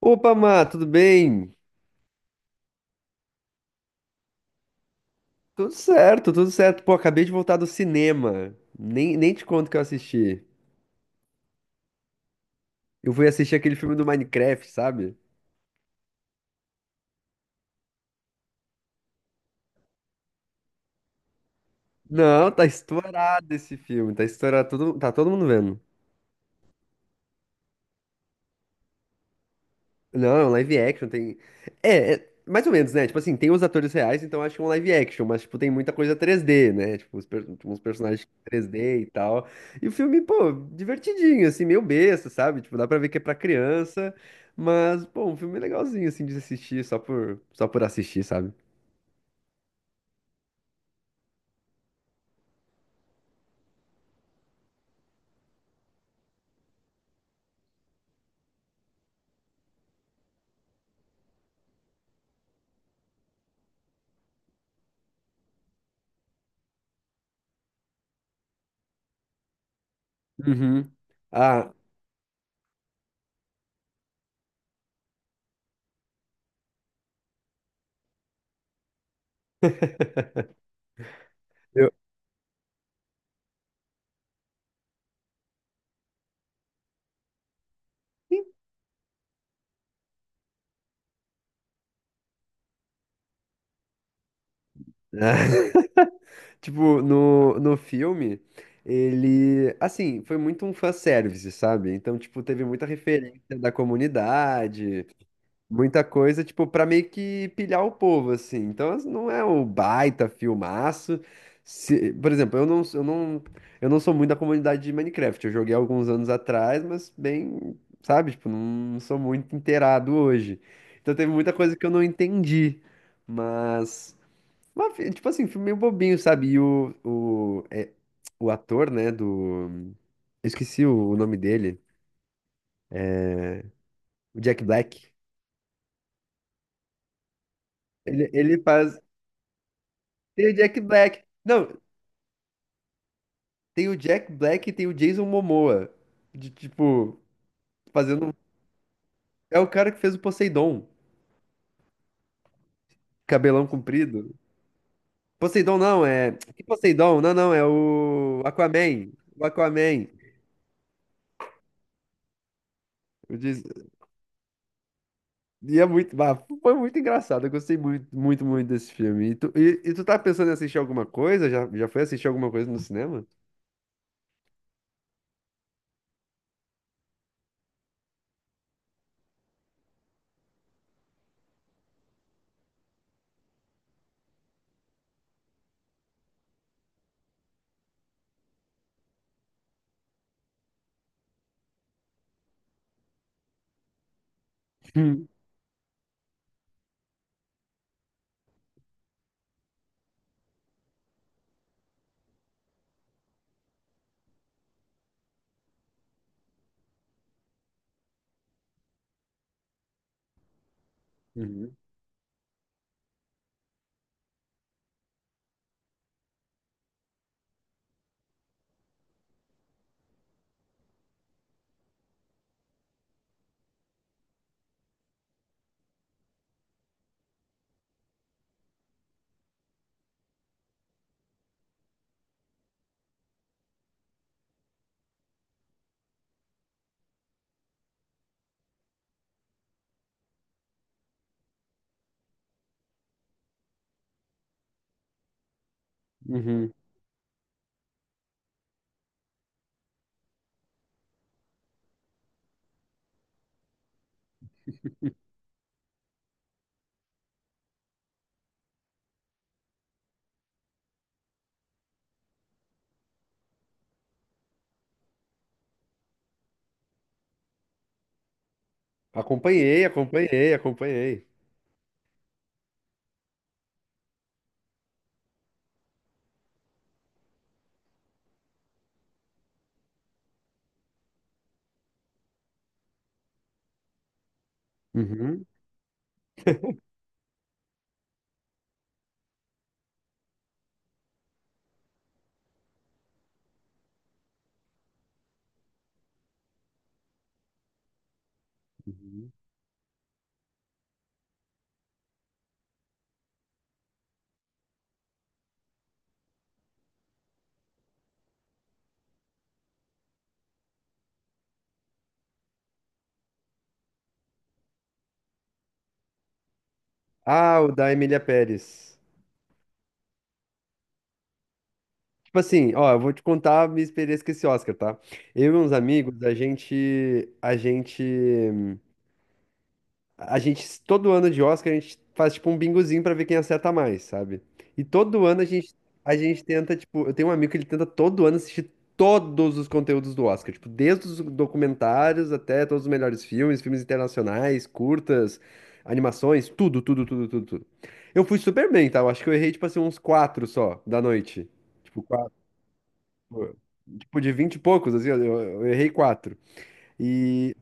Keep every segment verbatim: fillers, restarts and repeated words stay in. Opa, Má, tudo bem? Tudo certo, tudo certo. Pô, acabei de voltar do cinema. Nem, nem te conto o que eu assisti. Eu fui assistir aquele filme do Minecraft, sabe? Não, tá estourado esse filme, tá estourado, todo, tá todo mundo vendo. Não, é um live action, tem. É, é mais ou menos, né? Tipo assim, tem os atores reais, então acho que é um live action, mas, tipo, tem muita coisa três D, né? Tipo, uns, per- uns personagens três D e tal. E o filme, pô, divertidinho, assim, meio besta, sabe? Tipo, dá pra ver que é pra criança, mas, pô, um filme legalzinho, assim, de assistir, só por, só por assistir, sabe? Uhum. Ah, eu. Tipo, no, no filme, ele, assim, foi muito um fanservice, sabe? Então, tipo, teve muita referência da comunidade, muita coisa, tipo, pra meio que pilhar o povo, assim. Então, as- não é o baita filmaço. Se, por exemplo, eu não, eu não, eu não sou muito da comunidade de Minecraft. Eu joguei alguns anos atrás, mas bem, sabe? Tipo, não sou muito inteirado hoje. Então, teve muita coisa que eu não entendi, mas... Uma fi- tipo assim, um filme meio bobinho, sabe? E o, o, é, o ator, né, do... Eu esqueci o, o nome dele. O Jack Black. Ele, ele faz... Tem o Jack Black. Não, tem o Jack Black e tem o Jason Momoa. De, tipo, fazendo... É o cara que fez o Poseidon. Cabelão comprido. Poseidon não, é... Que Poseidon? Não, não, é o Aquaman. O Aquaman. Eu disse- E é muito, ah, foi muito engraçado. Eu gostei muito, muito, muito desse filme. E tu, e, e tu tá pensando em assistir alguma coisa? Já, já foi assistir alguma coisa no cinema? Hum. Uhum. Uhum. Acompanhei, acompanhei, acompanhei. Uhum. Uhum. Ah, o da Emília Pérez. Tipo assim, ó, eu vou te contar a minha experiência com esse Oscar, tá? Eu e uns amigos, a gente, a gente a gente, todo ano de Oscar, a gente faz tipo um bingozinho pra ver quem acerta mais, sabe? E todo ano a gente, a gente tenta, tipo, eu tenho um amigo que ele tenta todo ano assistir todos os conteúdos do Oscar, tipo, desde os documentários até todos os melhores filmes, filmes internacionais, curtas, animações, tudo, tudo, tudo, tudo, tudo. Eu fui super bem, tá? Eu acho que eu errei, tipo assim, uns quatro só da noite. Tipo, quatro. Tipo, de vinte e poucos, assim, eu, eu errei quatro. E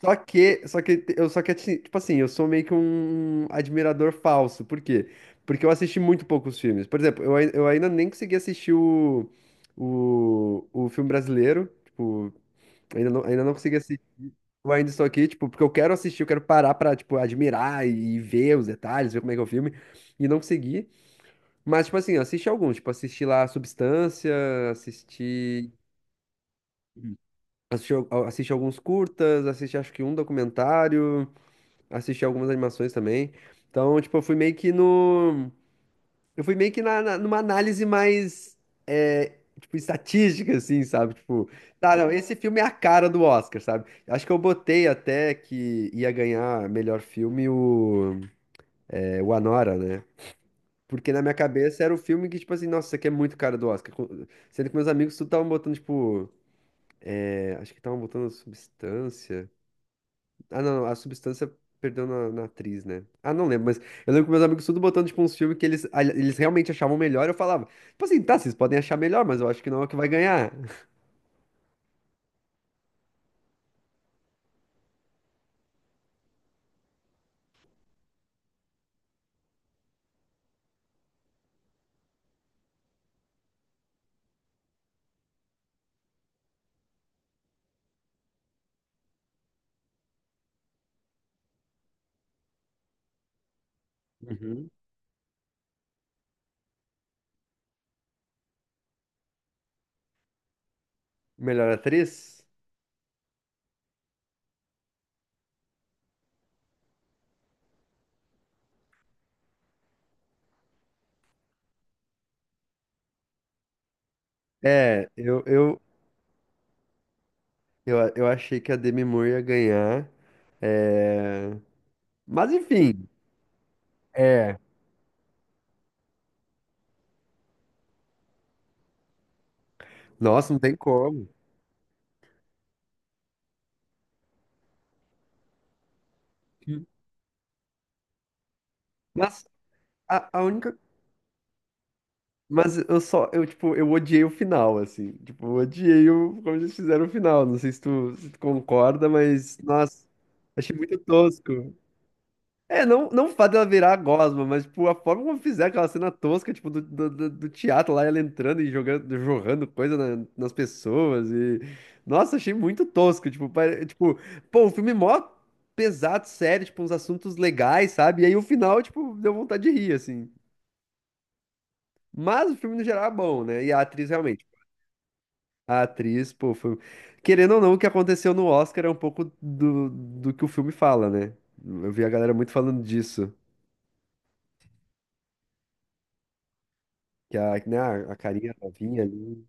só que, só que eu só que assim, tipo assim, eu sou meio que um um admirador falso. Por quê? Porque eu assisti muito poucos filmes. Por exemplo, eu, ai- eu ainda nem consegui assistir o, o, o filme brasileiro. Tipo, ainda não, ainda não consegui assistir. Eu ainda estou aqui, tipo, porque eu quero assistir, eu quero parar pra, tipo, admirar e ver os detalhes, ver como é que é o filme, e não consegui. Mas, tipo assim, eu assisti alguns, tipo, assisti lá Substância, assisti, assisti, al- assisti alguns curtas, assisti acho que um documentário. Assisti algumas animações também. Então, tipo, eu fui meio que no. Eu fui meio que na, na- numa análise mais. É, tipo, estatística, assim, sabe? Tipo, tá, não, esse filme é a cara do Oscar, sabe? Acho que eu botei até que ia ganhar melhor filme o, é, o Anora, né? Porque na minha cabeça era o filme que, tipo assim, nossa, isso aqui é muito cara do Oscar. Co- Sendo que meus amigos tudo estavam botando, tipo. É, acho que estavam botando Substância. Ah, não, a substância perdeu na, na atriz, né? Ah, não lembro, mas eu lembro que meus amigos tudo botando, tipo, uns filmes que eles, a- eles realmente achavam melhor, eu falava, tipo assim, tá, vocês podem achar melhor, mas eu acho que não é o que vai ganhar. Uhum. Melhor atriz? É, eu, eu, eu, eu achei que a Demi Moore ia ganhar, é... mas enfim, é, nossa, não tem como. Mas a, a única... Mas eu só, eu, tipo, eu odiei o final, assim. Tipo, eu odiei o, como eles fizeram o final. Não sei se tu, se tu concorda, mas, nossa, achei muito tosco. É, não, não o fato dela virar a gosma, mas, tipo, a forma como fizeram aquela cena tosca, tipo, do, do, do- do teatro lá, ela entrando e jogando, jorrando coisa na- nas pessoas e... Nossa, achei muito tosco, tipo, pare- tipo, pô, o filme é mó pesado, sério, tipo, uns assuntos legais, sabe? E aí o final, tipo, deu vontade de rir, assim. Mas o filme no geral é bom, né? E a atriz realmente. A atriz, pô, foi... Querendo ou não, o que aconteceu no Oscar é um pouco do, do que o filme fala, né? Eu vi a galera muito falando disso. Que a, né, a a carinha novinha ali.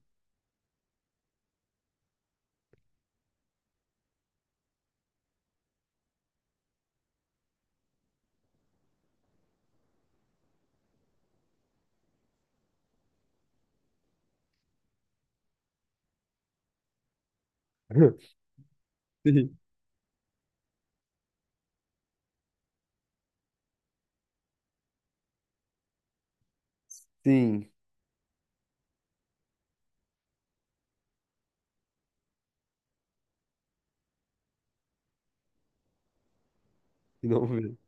Sim. Sim, não vi.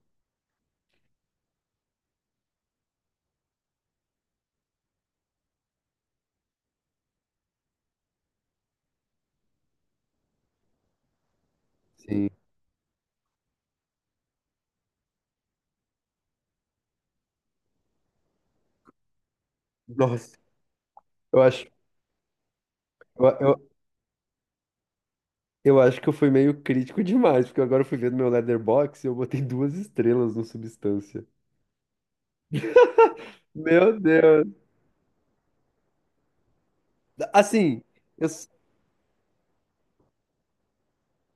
Sim. Nossa, eu acho, eu, eu, eu acho que eu fui meio crítico demais, porque agora eu fui ver no meu Letterboxd e eu botei duas estrelas no Substância. Meu Deus. Assim, eu,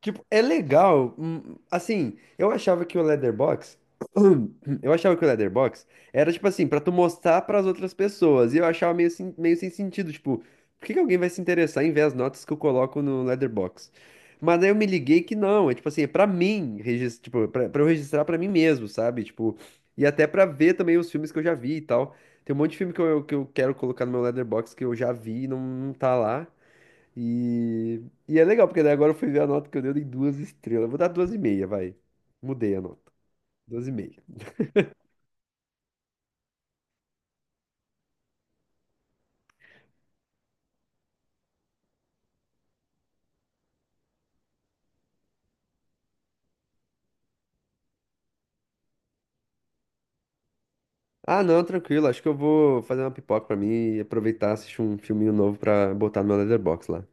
tipo, é legal. Hum, assim, eu achava que o Leatherbox. Eu achava que o Leatherbox era, tipo assim, pra tu mostrar pras outras pessoas. E eu achava meio, sem- meio sem sentido. Tipo, por que que alguém vai se interessar em ver as notas que eu coloco no Leatherbox? Mas aí eu me liguei que não. É, tipo assim, é pra mim, regis- tipo, pra, pra eu registrar pra mim mesmo, sabe? Tipo, e até pra ver também os filmes que eu já vi e tal. Tem um monte de filme que eu, que eu quero colocar no meu Leatherbox que eu já vi e não, não tá lá. E, e é legal, porque daí agora eu fui ver a nota que eu dei, eu dei duas estrelas. Eu vou dar duas e meia, vai. Mudei a nota. Duas e meia. Ah, não, tranquilo. Acho que eu vou fazer uma pipoca pra mim e aproveitar, e assistir um filminho novo pra botar no meu Letterboxd lá.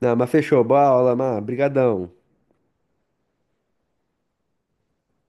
Não, mas fechou. Boa aula, Mar. Brigadão.